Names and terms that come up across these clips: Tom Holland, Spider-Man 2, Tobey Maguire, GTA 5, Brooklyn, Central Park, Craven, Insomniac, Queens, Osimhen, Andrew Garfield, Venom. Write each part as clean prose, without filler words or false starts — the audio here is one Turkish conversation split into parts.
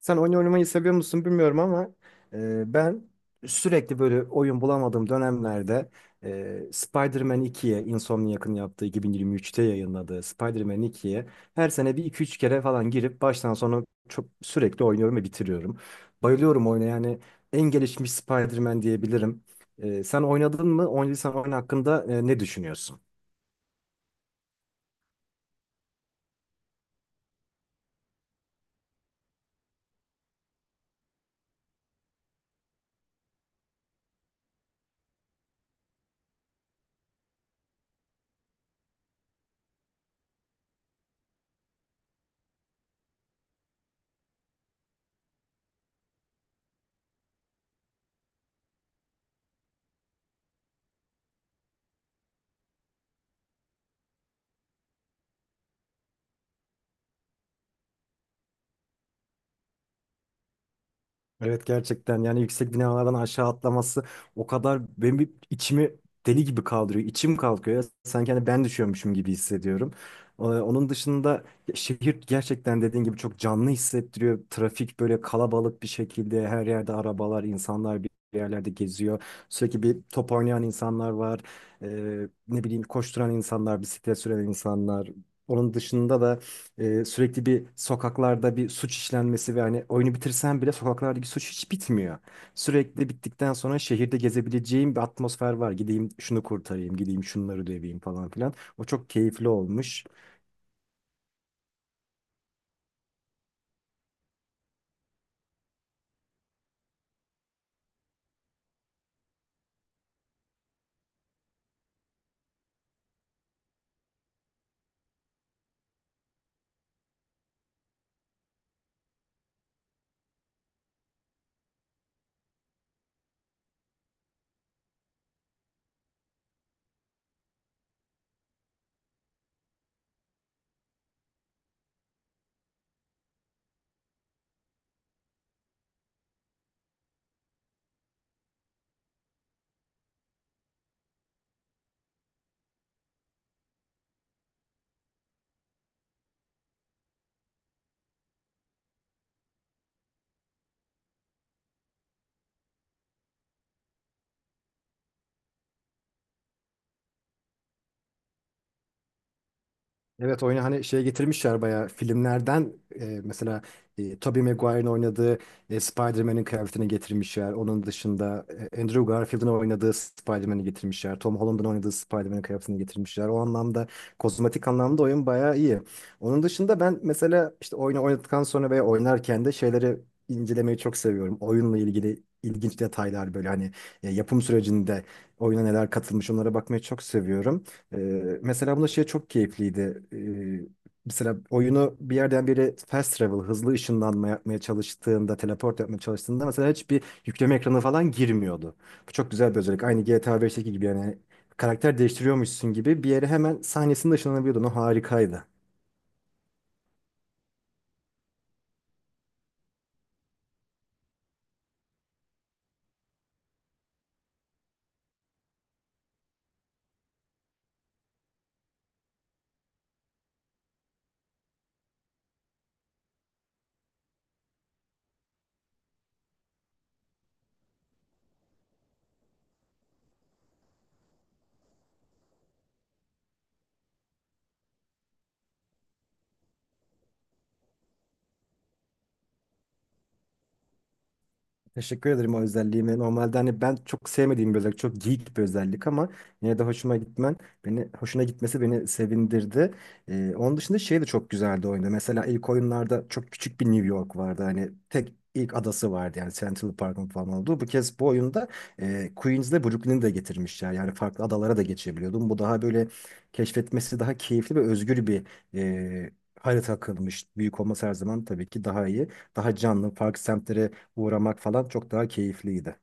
Sen oyun oynamayı seviyor musun bilmiyorum ama ben sürekli böyle oyun bulamadığım dönemlerde Spider-Man 2'ye Insomniac'ın yaptığı 2023'te yayınladığı Spider-Man 2'ye her sene bir iki üç kere falan girip baştan sona çok sürekli oynuyorum ve bitiriyorum. Bayılıyorum oyuna yani en gelişmiş Spider-Man diyebilirim. Sen oynadın mı? Oynadıysan oyun hakkında ne düşünüyorsun? Evet, gerçekten yani yüksek binalardan aşağı atlaması o kadar benim bir içimi deli gibi kaldırıyor. İçim kalkıyor ya. Sanki hani ben düşüyormuşum gibi hissediyorum. Onun dışında şehir gerçekten dediğin gibi çok canlı hissettiriyor. Trafik böyle kalabalık bir şekilde her yerde arabalar, insanlar bir yerlerde geziyor. Sürekli bir top oynayan insanlar var. Ne bileyim, koşturan insanlar, bisiklet süren insanlar. Onun dışında da sürekli bir sokaklarda bir suç işlenmesi ve hani oyunu bitirsen bile sokaklardaki suç hiç bitmiyor. Sürekli bittikten sonra şehirde gezebileceğim bir atmosfer var. Gideyim şunu kurtarayım, gideyim şunları döveyim falan filan. O çok keyifli olmuş. Evet, oyunu hani şey getirmişler bayağı filmlerden mesela Tobey Maguire'ın oynadığı Spider-Man'in kıyafetini getirmişler. Onun dışında Andrew Garfield'ın oynadığı Spider-Man'i getirmişler. Tom Holland'ın oynadığı Spider-Man'in kıyafetini getirmişler. O anlamda kozmetik anlamda oyun bayağı iyi. Onun dışında ben mesela işte oyunu oynadıktan sonra veya oynarken de şeyleri incelemeyi çok seviyorum. Oyunla ilgili ilginç detaylar böyle hani yapım sürecinde oyuna neler katılmış onlara bakmayı çok seviyorum. Ee, Mesela bunda şey çok keyifliydi. Mesela oyunu bir yerden biri fast travel, hızlı ışınlanma yapmaya çalıştığında, teleport yapmaya çalıştığında mesela hiçbir yükleme ekranı falan girmiyordu. Bu çok güzel bir özellik. Aynı GTA 5'teki gibi yani karakter değiştiriyormuşsun gibi bir yere hemen sahnesinde ışınlanabiliyordun. O harikaydı. Teşekkür ederim o özelliğime. Normalde hani ben çok sevmediğim bir özellik, çok geek bir özellik ama yine de hoşuma gitmen, beni hoşuna gitmesi beni sevindirdi. Onun dışında şey de çok güzeldi oyunda. Mesela ilk oyunlarda çok küçük bir New York vardı. Hani tek ilk adası vardı yani Central Park'ın falan olduğu. Bu kez bu oyunda Queens'le Brooklyn'i de getirmişler. Yani farklı adalara da geçebiliyordum. Bu daha böyle keşfetmesi daha keyifli ve özgür bir e, harita akılmış. Büyük olması her zaman tabii ki daha iyi. Daha canlı, farklı semtlere uğramak falan çok daha keyifliydi.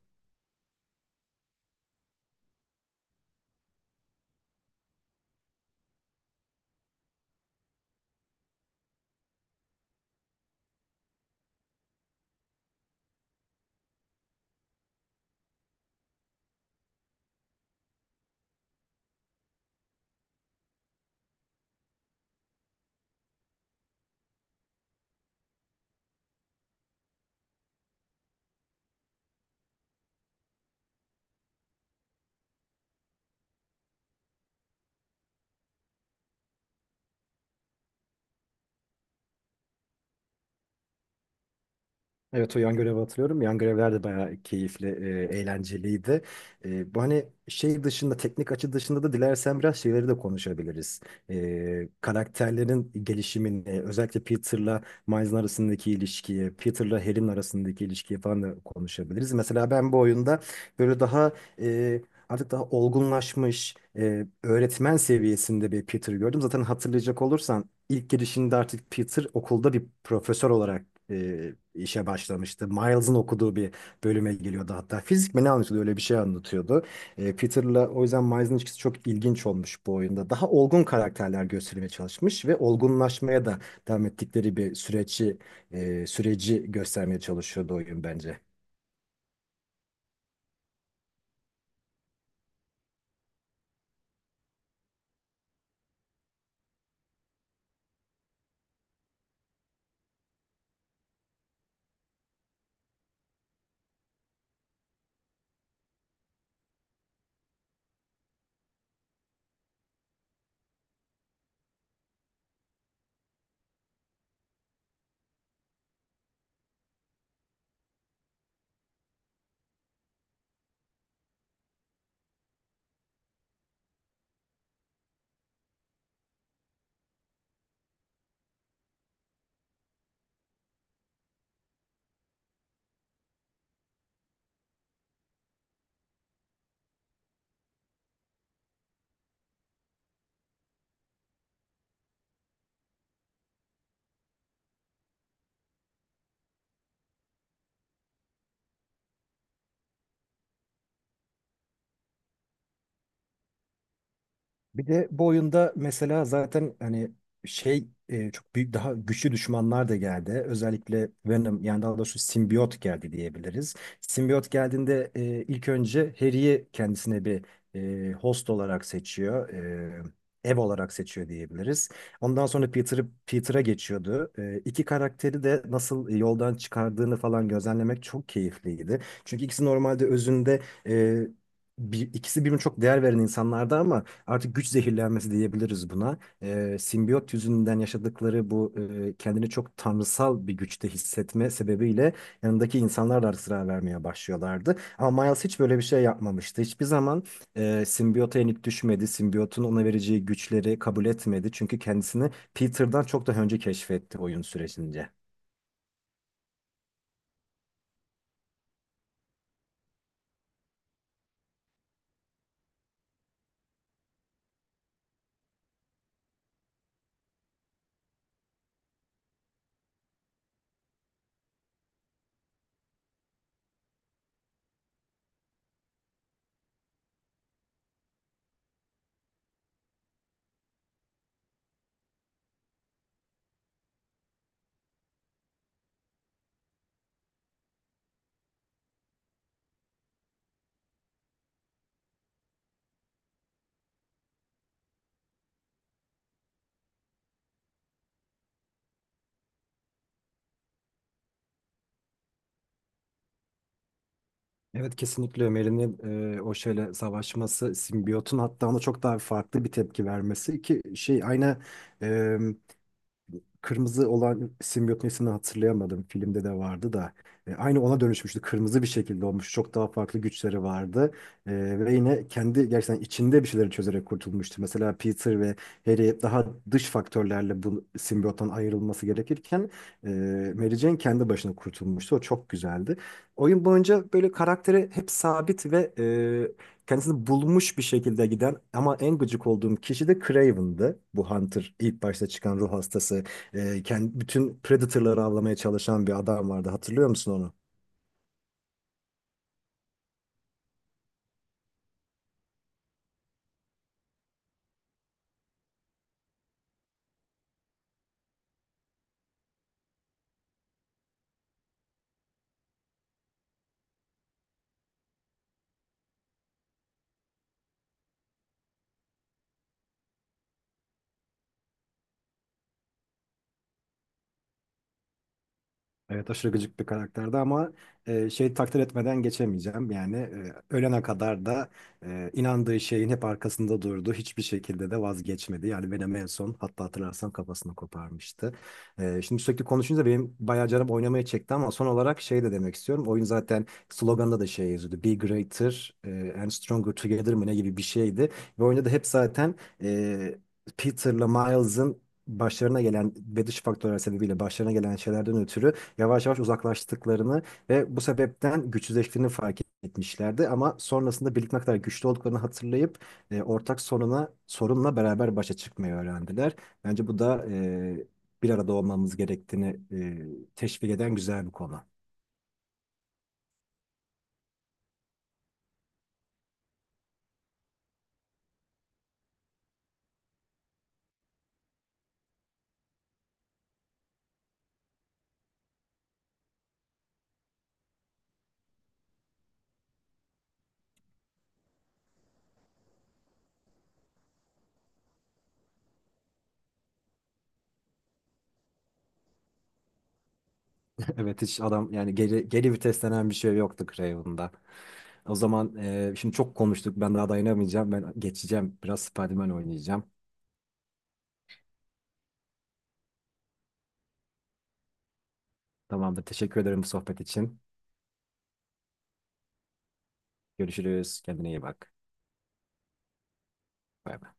Evet, o yan görevi hatırlıyorum. Yan görevler de bayağı keyifli, eğlenceliydi. Bu hani şey dışında, teknik açı dışında da dilersen biraz şeyleri de konuşabiliriz. Karakterlerin gelişimini, özellikle Peter'la Miles'ın arasındaki ilişkiyi, Peter'la Harry'nin arasındaki ilişkiyi falan da konuşabiliriz. Mesela ben bu oyunda böyle daha e, artık daha olgunlaşmış, öğretmen seviyesinde bir Peter gördüm. Zaten hatırlayacak olursan İlk girişinde artık Peter okulda bir profesör olarak işe başlamıştı. Miles'ın okuduğu bir bölüme geliyordu hatta. Fizik mi ne anlatıyordu, öyle bir şey anlatıyordu. Peter'la o yüzden Miles'ın ilişkisi çok ilginç olmuş bu oyunda. Daha olgun karakterler göstermeye çalışmış ve olgunlaşmaya da devam ettikleri bir süreci göstermeye çalışıyordu oyun bence. Bir de bu oyunda mesela zaten hani şey çok büyük daha güçlü düşmanlar da geldi. Özellikle Venom, yani daha doğrusu simbiyot geldi diyebiliriz. Simbiyot geldiğinde ilk önce Harry'i kendisine bir host olarak seçiyor. Ev olarak seçiyor diyebiliriz. Ondan sonra Peter'a geçiyordu. İki karakteri de nasıl yoldan çıkardığını falan gözlemlemek çok keyifliydi. Çünkü ikisi normalde özünde e, ikisi birbirine çok değer veren insanlardı ama artık güç zehirlenmesi diyebiliriz buna. Simbiyot yüzünden yaşadıkları bu kendini çok tanrısal bir güçte hissetme sebebiyle yanındaki insanlar da artık zarar vermeye başlıyorlardı. Ama Miles hiç böyle bir şey yapmamıştı. Hiçbir zaman simbiyota yenik düşmedi. Simbiyotun ona vereceği güçleri kabul etmedi. Çünkü kendisini Peter'dan çok daha önce keşfetti oyun sürecince. Evet, kesinlikle Ömer'in o şeyle savaşması, simbiyotun hatta ona çok daha farklı bir tepki vermesi ki şey aynı kırmızı olan simbiyotun ismini hatırlayamadım. Filmde de vardı da. Aynı ona dönüşmüştü. Kırmızı bir şekilde olmuş. Çok daha farklı güçleri vardı. Ve yine kendi gerçekten içinde bir şeyleri çözerek kurtulmuştu. Mesela Peter ve Harry daha dış faktörlerle bu simbiyottan ayrılması gerekirken e, Mary Jane kendi başına kurtulmuştu. O çok güzeldi. Oyun boyunca böyle karakteri hep sabit ve kendisini bulmuş bir şekilde giden ama en gıcık olduğum kişi de Craven'dı. Bu Hunter ilk başta çıkan ruh hastası bütün Predator'ları avlamaya çalışan bir adam vardı. Hatırlıyor musun onu? Evet, aşırı gıcık bir karakterdi ama şey takdir etmeden geçemeyeceğim. Yani ölene kadar da inandığı şeyin hep arkasında durdu. Hiçbir şekilde de vazgeçmedi. Yani benim en son, hatta hatırlarsan, kafasını koparmıştı. Şimdi sürekli konuşunca benim bayağı canım oynamaya çekti ama son olarak şey de demek istiyorum. Oyun zaten sloganında da şey yazıyordu. Be greater and stronger together mı ne gibi bir şeydi. Ve oyunda da hep zaten e, Peter'la Miles'ın başlarına gelen ve dış faktörler sebebiyle başlarına gelen şeylerden ötürü yavaş yavaş uzaklaştıklarını ve bu sebepten güçsüzleştiğini fark etmişlerdi. Ama sonrasında birlikte ne kadar güçlü olduklarını hatırlayıp ortak soruna, sorunla beraber başa çıkmayı öğrendiler. Bence bu da bir arada olmamız gerektiğini teşvik eden güzel bir konu. Evet, hiç adam yani geri vites denen bir şey yoktu Craven'da. O zaman şimdi çok konuştuk. Ben daha dayanamayacağım. Ben geçeceğim. Biraz Spider-Man oynayacağım. Tamamdır. Teşekkür ederim bu sohbet için. Görüşürüz. Kendine iyi bak. Bay bay.